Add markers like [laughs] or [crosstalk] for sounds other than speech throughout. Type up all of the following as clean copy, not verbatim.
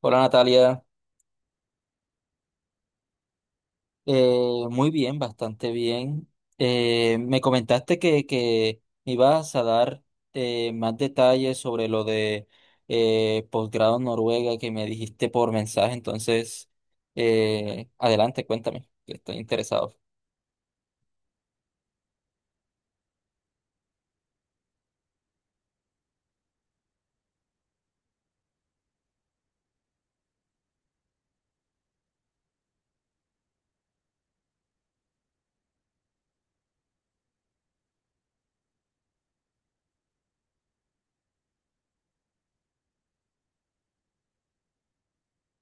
Hola Natalia. Muy bien, bastante bien. Me comentaste que me ibas a dar más detalles sobre lo de posgrado en Noruega que me dijiste por mensaje. Entonces, adelante, cuéntame, que estoy interesado.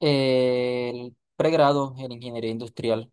El pregrado en ingeniería industrial.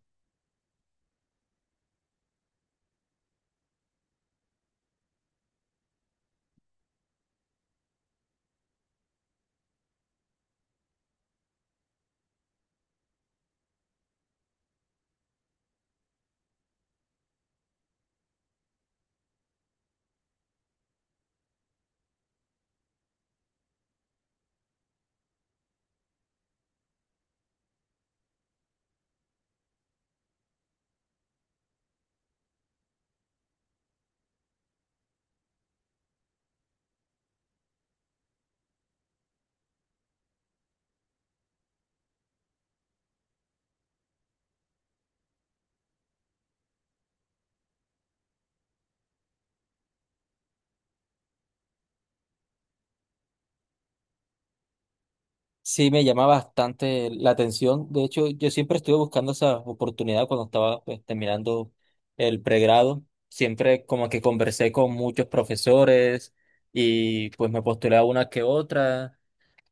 Sí, me llama bastante la atención. De hecho, yo siempre estuve buscando esa oportunidad cuando estaba, pues, terminando el pregrado. Siempre como que conversé con muchos profesores y pues me postulé a una que otra.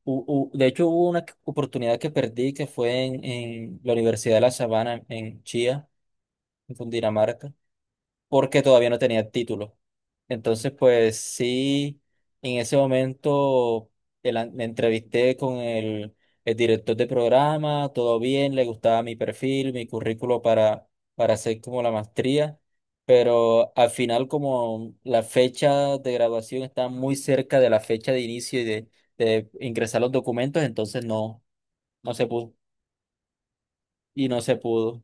De hecho, hubo oportunidad que perdí que fue en la Universidad de La Sabana en Chía, en Cundinamarca, porque todavía no tenía título. Entonces, pues sí, en ese momento me entrevisté con el director de programa. Todo bien, le gustaba mi perfil, mi currículo para hacer como la maestría, pero al final, como la fecha de graduación está muy cerca de la fecha de inicio y de ingresar los documentos, entonces no, no se pudo y no se pudo.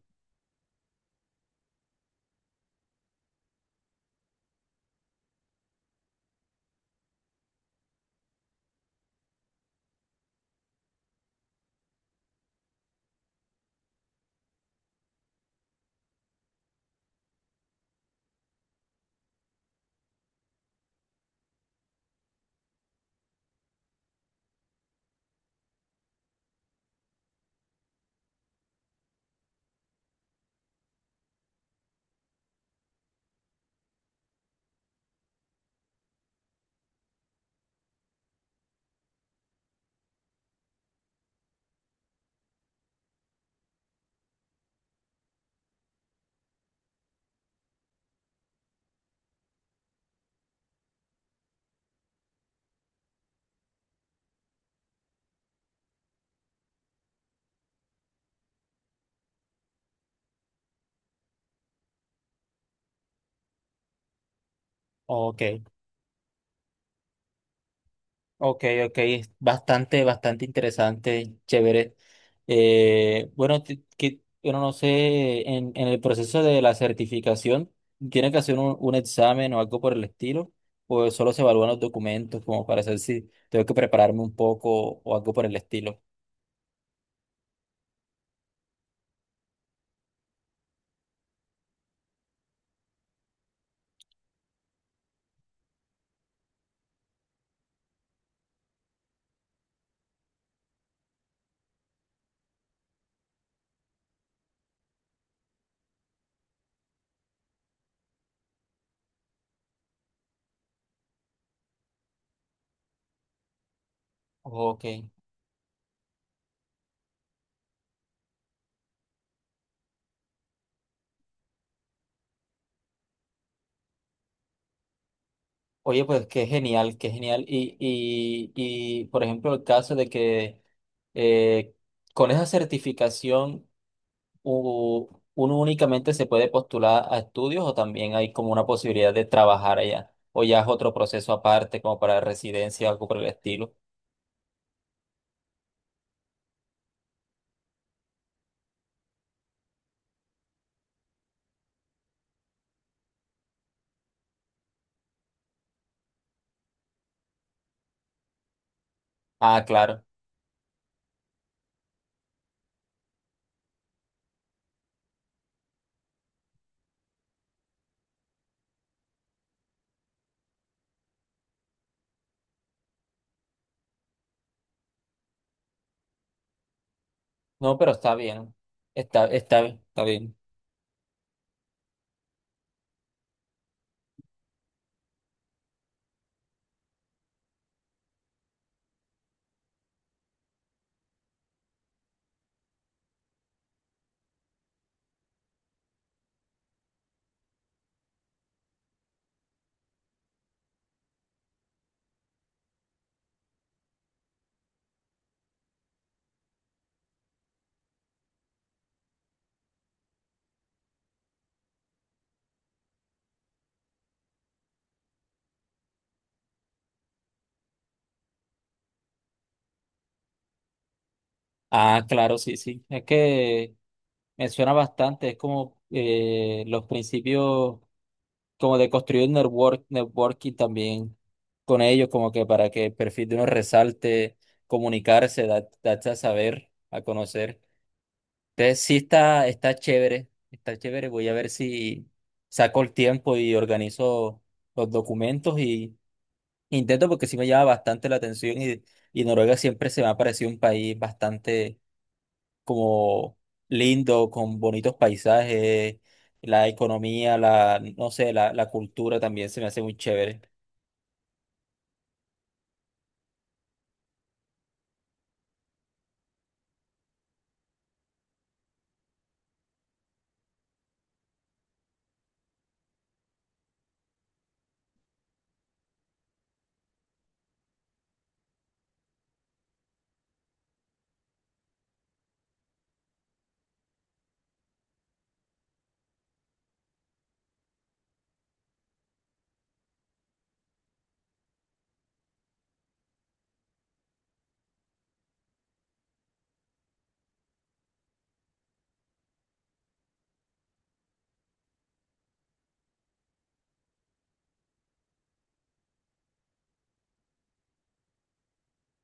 Ok. Ok, ok, es bastante, bastante interesante, chévere. Bueno, no sé, en el proceso de la certificación, ¿tienen que hacer un examen o algo por el estilo? ¿O solo se evalúan los documentos como para saber si tengo que prepararme un poco o algo por el estilo? Ok. Oye, pues qué genial, qué genial. Y por ejemplo, el caso de que eh, con esa certificación u- uno únicamente se puede postular a estudios, ¿o también hay como una posibilidad de trabajar allá? ¿O ya es otro proceso aparte, como para residencia o algo por el estilo? Ah, claro. No, pero está bien. Está, está, está bien. Ah, claro, sí, sí. Es que me suena bastante. Es como los principios como de construir network, networking también con ellos, como que para que el perfil de uno resalte, comunicarse, darse a saber, a conocer. Entonces sí está, está chévere, está chévere. Voy a ver si saco el tiempo y organizo los documentos y intento, porque sí me llama bastante la atención, y Noruega siempre se me ha parecido un país bastante como lindo, con bonitos paisajes, la economía, la, no sé, la cultura también se me hace muy chévere.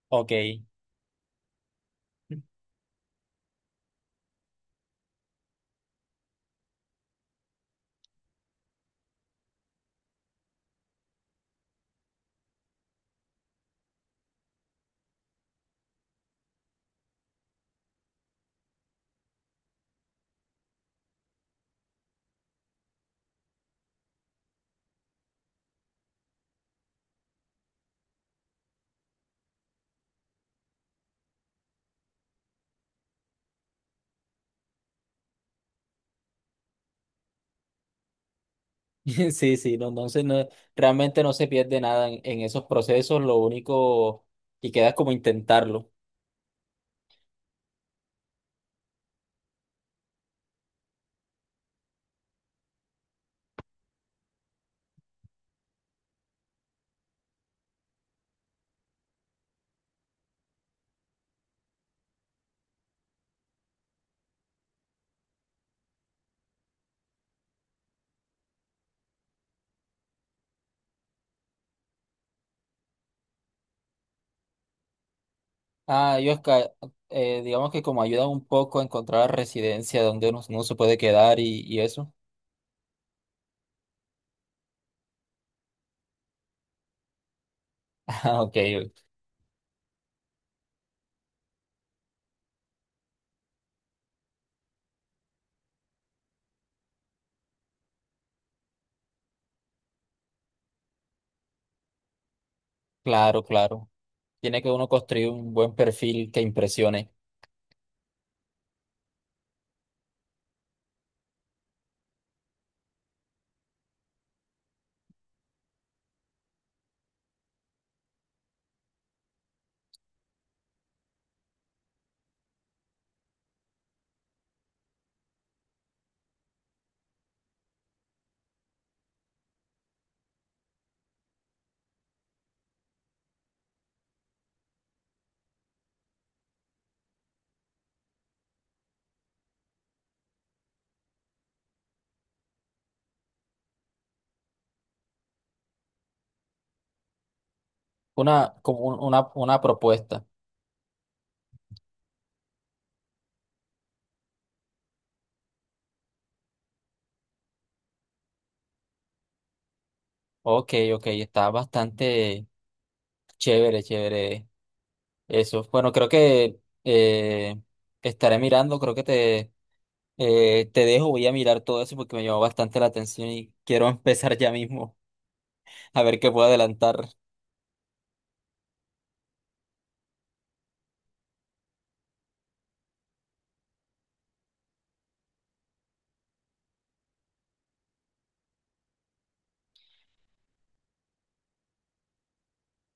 Ok. [laughs] Sí, sí, no, entonces no, realmente no se pierde nada en esos procesos. Lo único que queda es como intentarlo. Ah, y Oscar, digamos que como ayuda un poco a encontrar residencia donde uno se puede quedar, y eso. [laughs] Ah, ok, claro, claro. Tiene que uno construir un buen perfil que impresione. Una, como una propuesta. Ok, ok, está bastante chévere, chévere eso. Bueno, creo que eh, estaré mirando. Creo que te, te dejo, voy a mirar todo eso porque me llamó bastante la atención y quiero [laughs] empezar ya mismo a ver qué puedo adelantar.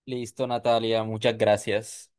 Listo, Natalia, muchas gracias.